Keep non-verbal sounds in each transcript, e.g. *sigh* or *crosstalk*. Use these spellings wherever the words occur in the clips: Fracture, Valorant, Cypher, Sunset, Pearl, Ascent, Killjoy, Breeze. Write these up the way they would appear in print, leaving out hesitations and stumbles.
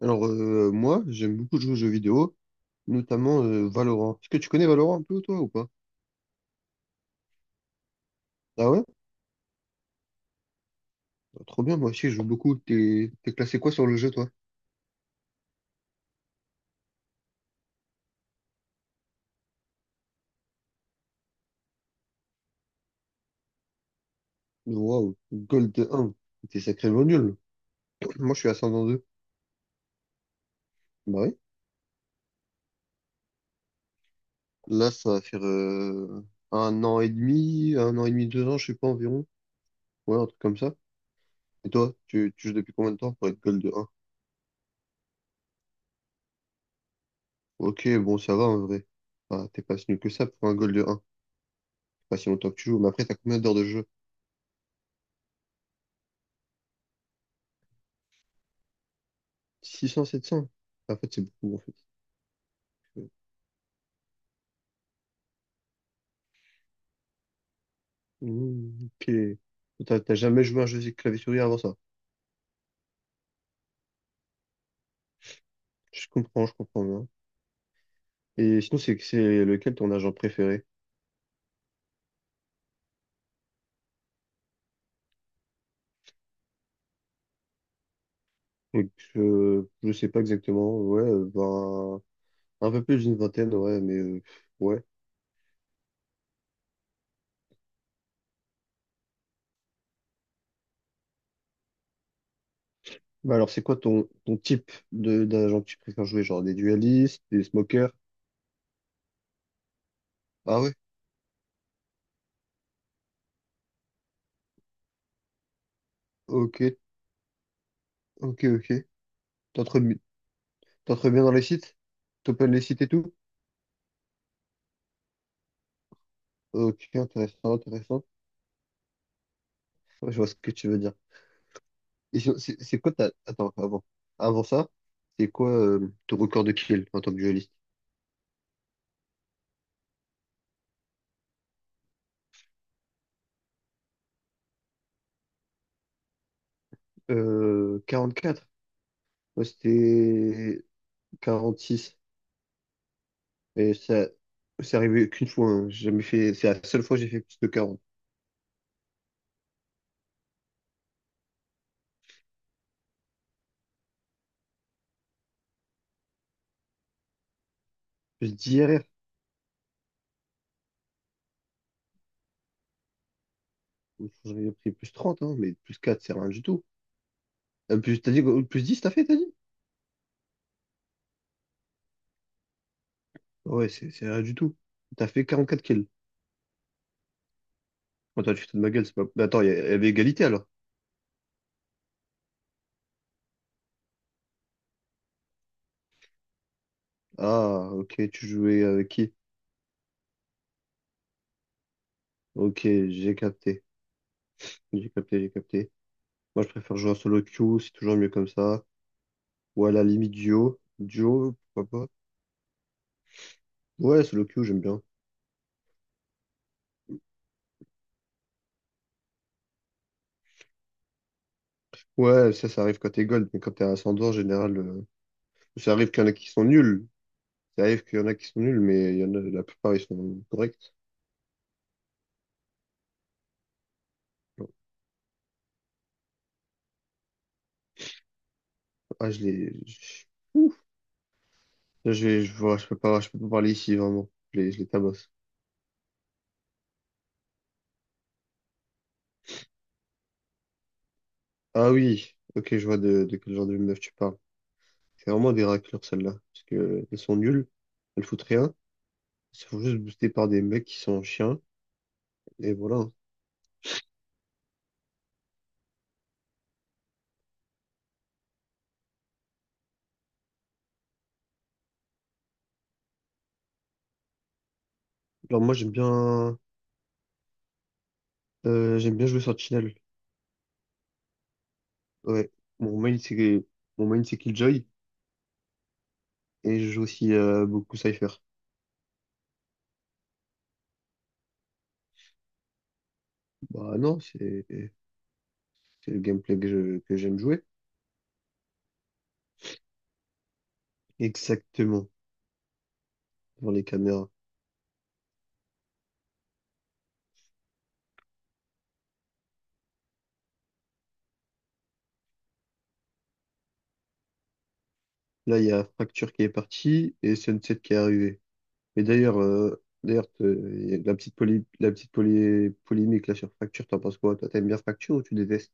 Alors, moi, j'aime beaucoup jouer aux jeux vidéo, notamment Valorant. Est-ce que tu connais Valorant un peu, toi, ou pas? Ah ouais? Bah, trop bien, moi aussi, je joue beaucoup. T'es classé quoi sur le jeu, toi? Waouh, Gold 1. T'es sacrément nul. *clears throat* Moi, je suis ascendant 2. Bah oui. Là, ça va faire un an et demi, un an et demi, 2 ans, je sais pas, environ. Ouais, un truc comme ça. Et toi, tu joues depuis combien de temps pour être Gold 1? Ok, bon, ça va, en vrai. Ah, t'es pas si nul que ça pour un Gold 1. Pas si longtemps que tu joues, mais après, t'as combien d'heures de jeu? 600 700 Bah, c'est beaucoup, en fait. Mmh, ok. T'as jamais joué à un jeu de clavier-souris avant ça? Je comprends bien. Et sinon, c'est lequel ton agent préféré? Donc, je sais pas exactement. Ouais, ben, un peu plus d'une vingtaine, ouais, mais ouais. Bah alors, c'est quoi ton type de d'agent que tu préfères jouer? Genre des dualistes, des smokers? Ah ouais? Ok, ok, ok. T'entres bi- T'entres bien dans les sites? T'open les sites et tout? Ok, intéressant, intéressant. Ouais, je vois ce que tu veux dire. Et sinon, c'est quoi ta... Attends, avant. Avant ça, c'est quoi ton record de kill en tant que dueliste? 44. Moi, c'était 46. Et ça, c'est arrivé qu'une fois, hein. J'ai jamais fait... C'est la seule fois que j'ai fait plus de 40. Plus 10 RR. J'aurais pris plus 30, hein, mais plus 4, c'est rien du tout. Plus... T'as dit quoi? Plus 10, t'as fait, t'as dit? Ouais, c'est rien du tout. T'as fait 44 kills. Attends, tu te fous de ma gueule, c'est pas... Mais attends, il y avait égalité, alors. Ah, ok, tu jouais avec qui? Ok, j'ai capté. J'ai capté, j'ai capté. Moi, je préfère jouer en solo queue, c'est toujours mieux comme ça. Ou à la limite duo. Duo, pourquoi pas? Ouais, solo queue, j'aime bien. Ouais, ça arrive quand t'es gold, mais quand t'es ascendant, en général, ça arrive qu'il y en a qui sont nuls. Ça arrive qu'il y en a qui sont nuls, mais il y en a, la plupart, ils sont corrects. Donc, ah, ouf. Là, je vois, je peux pas parler ici, vraiment. Je les tabasse. Ah oui, ok, je vois de quel genre de meuf tu parles. C'est vraiment des raclures, celles-là. Parce que elles sont nulles, elles foutent rien. Elles se font juste booster par des mecs qui sont chiens. Et voilà. Alors, moi, j'aime bien jouer Sentinel. Ouais. Mon main c'est mon main c'est Killjoy et je joue aussi beaucoup Cypher. Bah non, c'est le gameplay que j'aime jouer. Exactement, dans les caméras. Là, il y a Fracture qui est parti et Sunset qui est arrivé. Et d'ailleurs, y a la polémique là sur Fracture, t'en penses quoi? Toi, t'aimes bien Fracture ou tu détestes?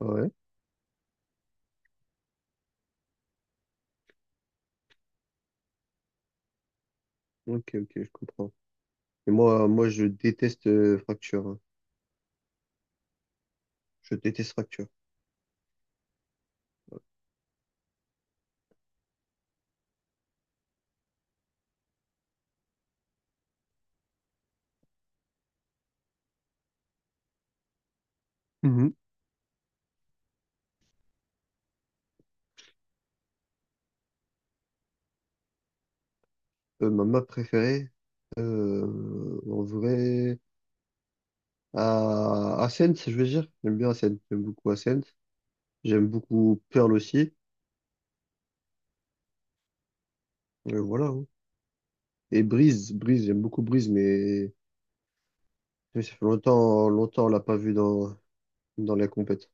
Ah ouais, ok, ok, je comprends. Et moi moi, je déteste Fracture, hein. Je déteste Fracture. Ma map préférée, en vrai, à Ascent, je veux dire. J'aime bien Ascent. J'aime beaucoup Pearl aussi. Voilà, hein. Et j'aime beaucoup Breeze, mais ça fait longtemps, longtemps, on l'a pas vu dans, dans les compètes.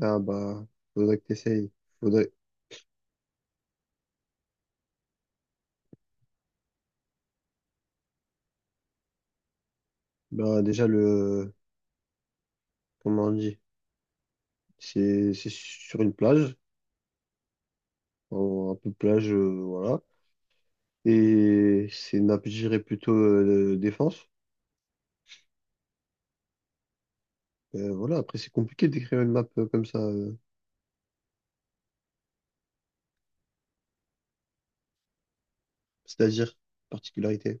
Ah bah, faudrait que t'essayes. Faudrait. Bah, déjà, comment on dit? C'est sur une plage, un peu plage, voilà. Et c'est une nappe, je dirais, plutôt défense. Voilà, après, c'est compliqué d'écrire une map comme ça, c'est-à-dire particularité.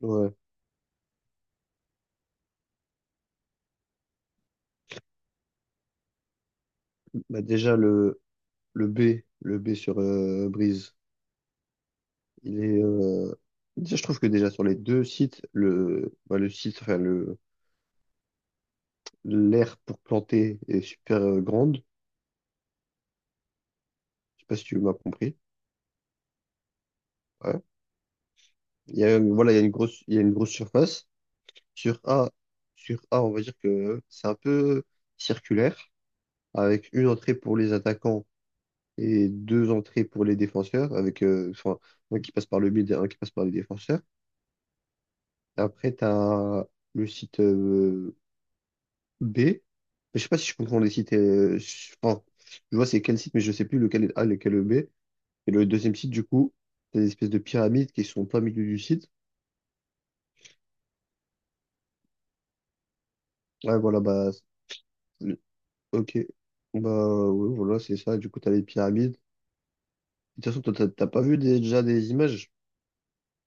Ouais. Bah, déjà, le B, le B sur Breeze, il est... déjà, je trouve que déjà sur les deux sites, le, bah, le site, enfin, le, l'aire pour planter est super grande. Je sais pas si tu m'as compris. Ouais. Il y a, une- Voilà, il y a une grosse surface. Sur A, sur A, on va dire que c'est un peu circulaire, avec une entrée pour les attaquants et deux entrées pour les défenseurs, avec enfin, un qui passe par le milieu et un qui passe par les défenseurs. Après, tu as le site B. Je sais pas si je comprends les sites. Enfin, je vois c'est quel site, mais je sais plus lequel est A, lequel est B. Et le deuxième site, du coup, c'est des espèces de pyramides qui sont en plein milieu du site. Ouais, voilà, c'est- ok. Bah, ouais, voilà, c'est ça. Du coup, t'as les pyramides. De toute façon, toi, t'as pas vu déjà des images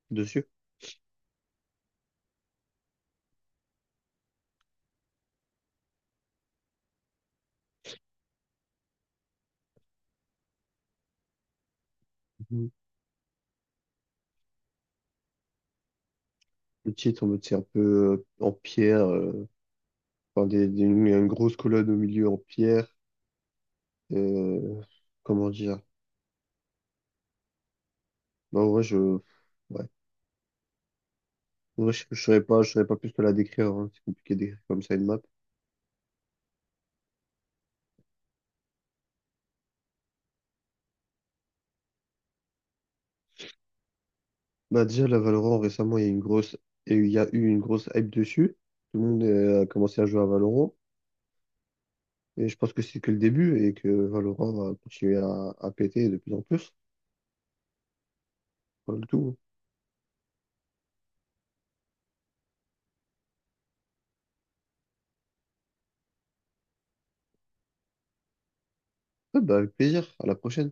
dessus? Le titre, en mode, c'est un peu en pierre, enfin, une grosse colonne au milieu en pierre. euh, Comment dire? Bah, en vrai, ouais. En vrai, je saurais pas, je saurais pas plus que la décrire, hein. C'est compliqué de d'écrire comme ça une map. Bah, déjà, la Valorant, récemment, il y a une grosse, et il y a eu une grosse hype dessus. Tout le monde a commencé à jouer à Valorant. Et je pense que c'est que le début et que Valorant va continuer à péter de plus en plus. Voilà le tout. Ouais, bah, avec plaisir. À la prochaine.